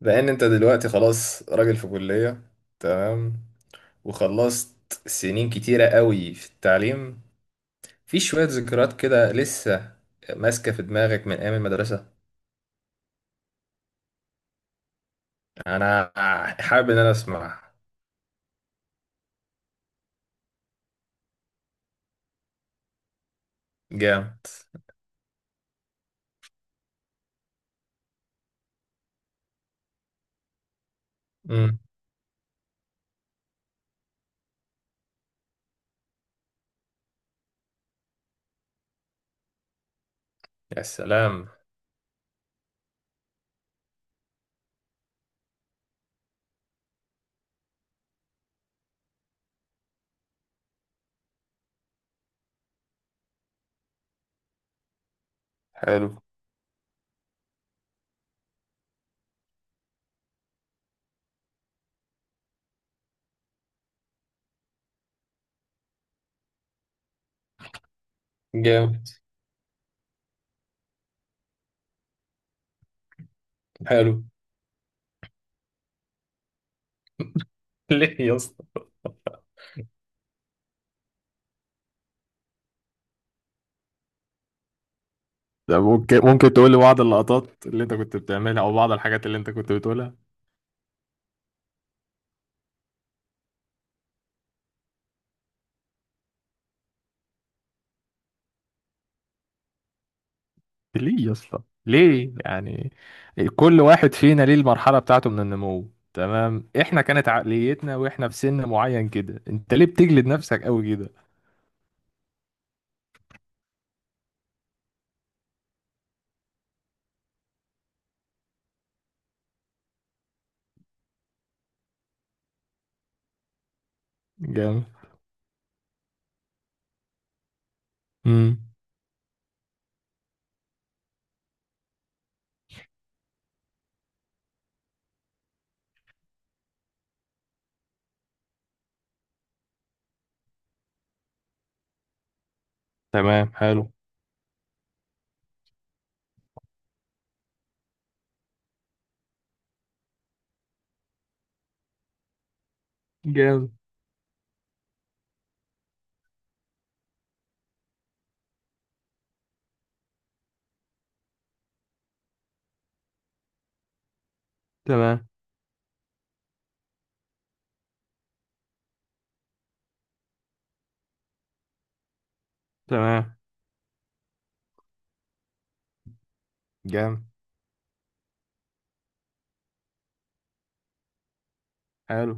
لان انت دلوقتي خلاص راجل في كلية، تمام. وخلصت سنين كتيرة قوي في التعليم. في شوية ذكريات كده لسه ماسكة في دماغك من ايام المدرسة. انا حابب ان انا اسمع. جامد. امم. يا سلام. حلو. جامد. حلو. ليه يا اسطى؟ ده ممكن تقول لي بعض اللقطات اللي انت كنت بتعملها او بعض الحاجات اللي انت كنت بتقولها. ليه يا اسطى؟ ليه يعني؟ كل واحد فينا ليه المرحله بتاعته من النمو، تمام. احنا كانت عقليتنا واحنا في سن معين كده، انت ليه بتجلد نفسك قوي كده؟ جامد. امم. تمام. حلو. جامد. تمام. تمام. جامد. حلو.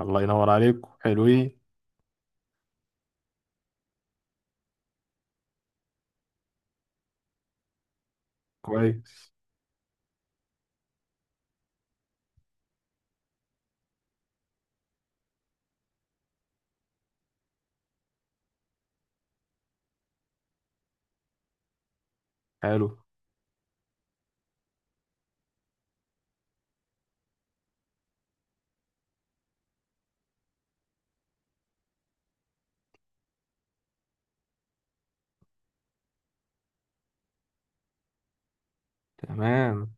الله ينور عليكم حلوين. كويس. حلو. تمام.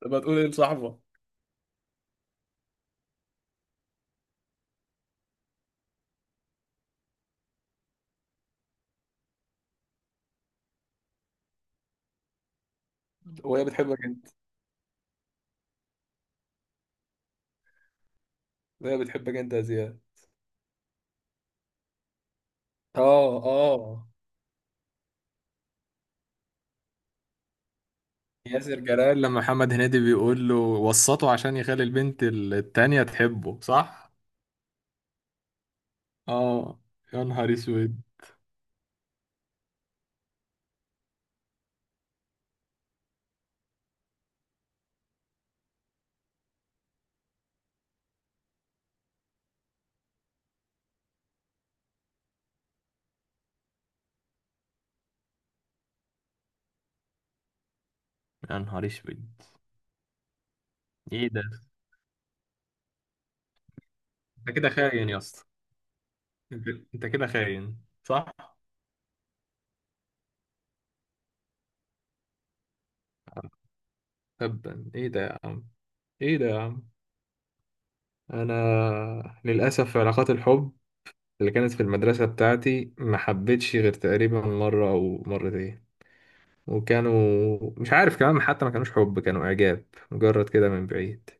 تبقى تقول ايه لصاحبك؟ وهي بتحبك انت؟ وهي بتحبك انت يا زياد؟ اه اه. ياسر جلال لما محمد هنيدي بيقول له وسطه عشان يخلي البنت التانية تحبه صح؟ اه. يا نهار اسود. يا نهار اسود. ايه ده؟ انت كده خاين يا اسطى. انت انت كده خاين صح؟ تبا ايه ده يا عم؟ ايه ده يا عم؟ انا للاسف في علاقات الحب اللي كانت في المدرسة بتاعتي ما حبيتش غير تقريبا مرة او مرتين. وكانوا مش عارف كمان، حتى ما كانوش حب، كانوا اعجاب مجرد كده من بعيد.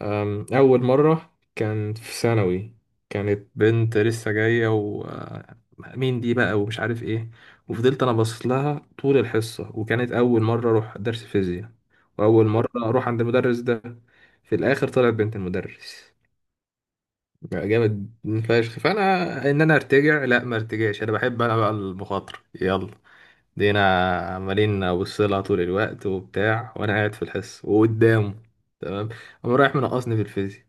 أول مرة كان في ثانوي. كانت بنت لسه جاية و مين دي بقى ومش عارف ايه. وفضلت أنا باصص لها طول الحصة، وكانت أول مرة أروح درس فيزياء وأول مرة أروح عند المدرس ده. في الآخر طلعت بنت المدرس. بقى جامد فشخ. فأنا، إن أنا أرتجع؟ لا، ما أرتجعش، أنا بحب أنا بقى المخاطرة. يلا دينا. عمالين أبص لها طول الوقت وبتاع، وأنا قاعد في الحصة وقدامه. تمام. قام رايح منقصني في الفيزياء.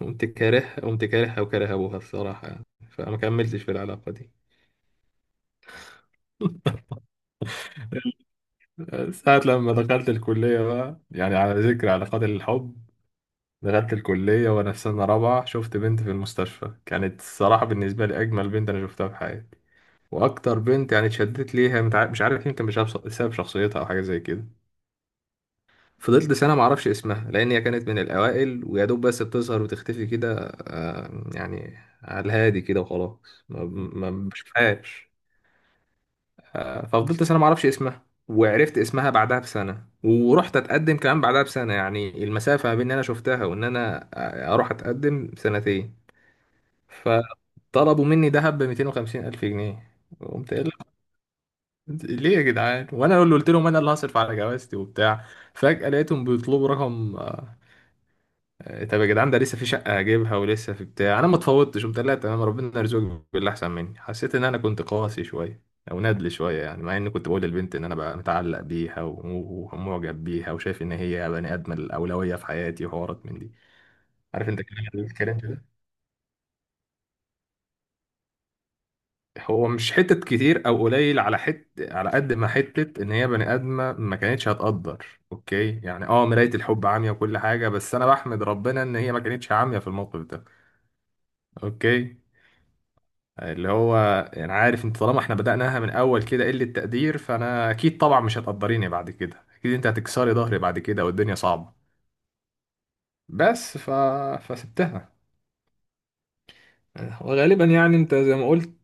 قمت كاره، قمت كارهها وكاره أبوها الصراحة يعني. فما كملتش في العلاقة دي. ساعة لما دخلت الكلية بقى، يعني على ذكر علاقات الحب، دخلت الكلية وأنا في سنة رابعة شفت بنت في المستشفى. كانت الصراحة بالنسبة لي أجمل بنت أنا شفتها في حياتي. وأكتر بنت يعني اتشدت ليها. مش عارف، يمكن بسبب شخصيتها أو حاجة زي كده. فضلت سنة معرفش اسمها لأن هي كانت من الأوائل ويا دوب بس بتظهر وتختفي كده. يعني على الهادي كده وخلاص ما بشوفهاش. ففضلت سنة معرفش اسمها. وعرفت اسمها بعدها بسنة، ورحت اتقدم كمان بعدها بسنة. يعني المسافة ما بين ان انا شفتها وان انا اروح اتقدم سنتين. فطلبوا مني دهب ب 250 الف جنيه. قمت قايل لهم، ليه يا جدعان؟ وانا اللي قلت لهم انا اللي هصرف على جوازتي وبتاع. فجأة لقيتهم بيطلبوا رقم. طب يا جدعان، ده لسه في شقة هجيبها ولسه في بتاع، أنا ما اتفوضتش. قمت قال لا تمام، ربنا يرزقك باللي أحسن مني. حسيت إن أنا كنت قاسي شوية أو نادل شوية يعني، مع إني كنت بقول للبنت إن أنا بقى متعلق بيها ومعجب بيها وشايف إن هي بني آدم الأولوية في حياتي وحوارات من دي. عارف أنت الكلام ده هو مش حتة كتير أو قليل، على على قد ما حتة إن هي بني آدمة ما كانتش هتقدر. أوكي، يعني أه مراية الحب عامية وكل حاجة، بس أنا بحمد ربنا إن هي ما كانتش عامية في الموقف ده. اوكي. اللي هو، انا عارف انت طالما احنا بدأناها من اول كده قلة تقدير، فانا اكيد طبعا مش هتقدريني بعد كده، اكيد انت هتكسري ظهري بعد كده والدنيا صعبة. بس فسبتها. وغالبا يعني انت زي ما قلت،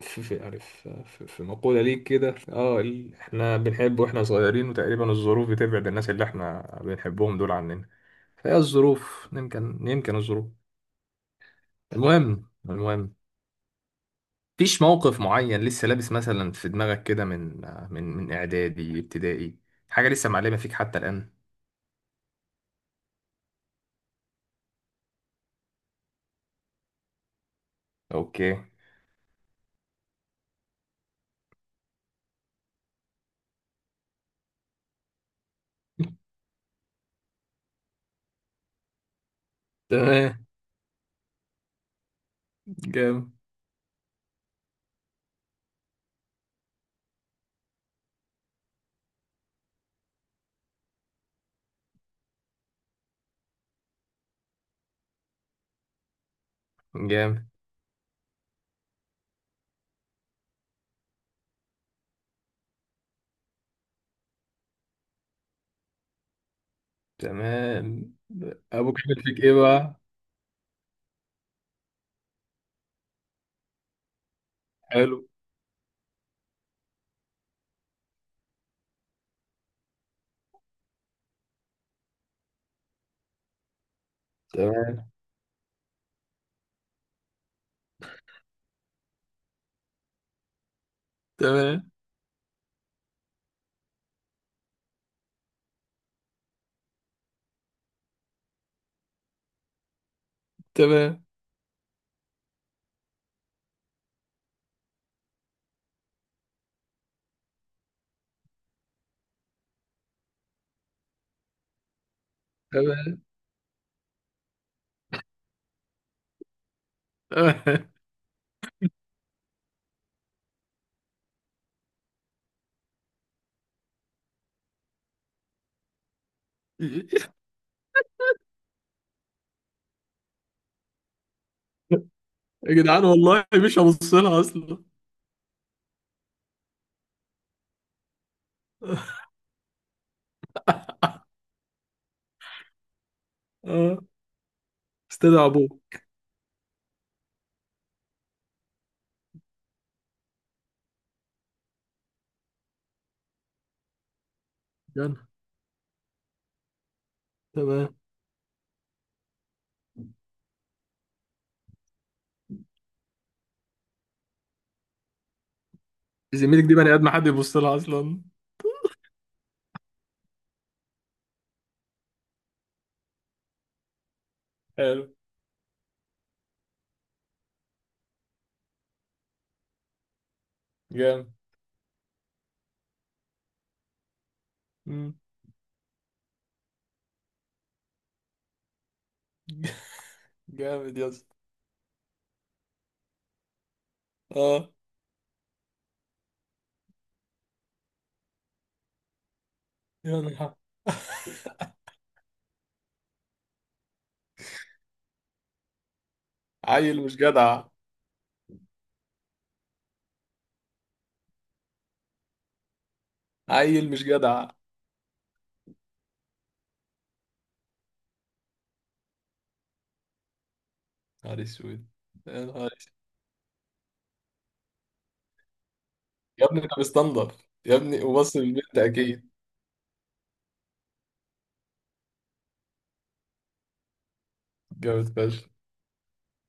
في يعني في مقولة ليك كده اه احنا بنحب واحنا صغيرين وتقريبا الظروف بتبعد الناس اللي احنا بنحبهم دول عننا. فهي الظروف، يمكن الظروف. المهم فيش موقف معين لسه لابس مثلا في دماغك كده، من من اعدادي ابتدائي، حاجه لسه معلمه فيك حتى الان؟ اوكي. تمام. جامد. جامد. تمام. ابوك عامل فيك ايه بقى؟ حلو. تمام. تمام. تمام. تمام. تمام. يا جدعان والله مش هبص لها اصلا. اه. استدعى ابوه؟ يلا. تمام. زميلك دي بني ادم حد يبص لها اصلا؟ حلو. جامد. مم. جامد يا اسطى. اه. يا نهار. عيل مش جدع. عيل مش جدع. نهار اسود. يا نهار اسود. يا ابني ده مستنضف، يا ابني وبص للبنت اكيد. جامد فشخ.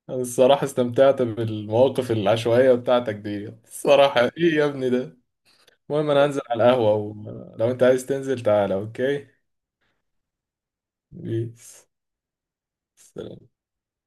انا الصراحه استمتعت بالمواقف العشوائيه بتاعتك دي الصراحه، ايه يا ابني ده. المهم انا هنزل على القهوه، ولو انت عايز تنزل تعالى. اوكي. بيس. سلام.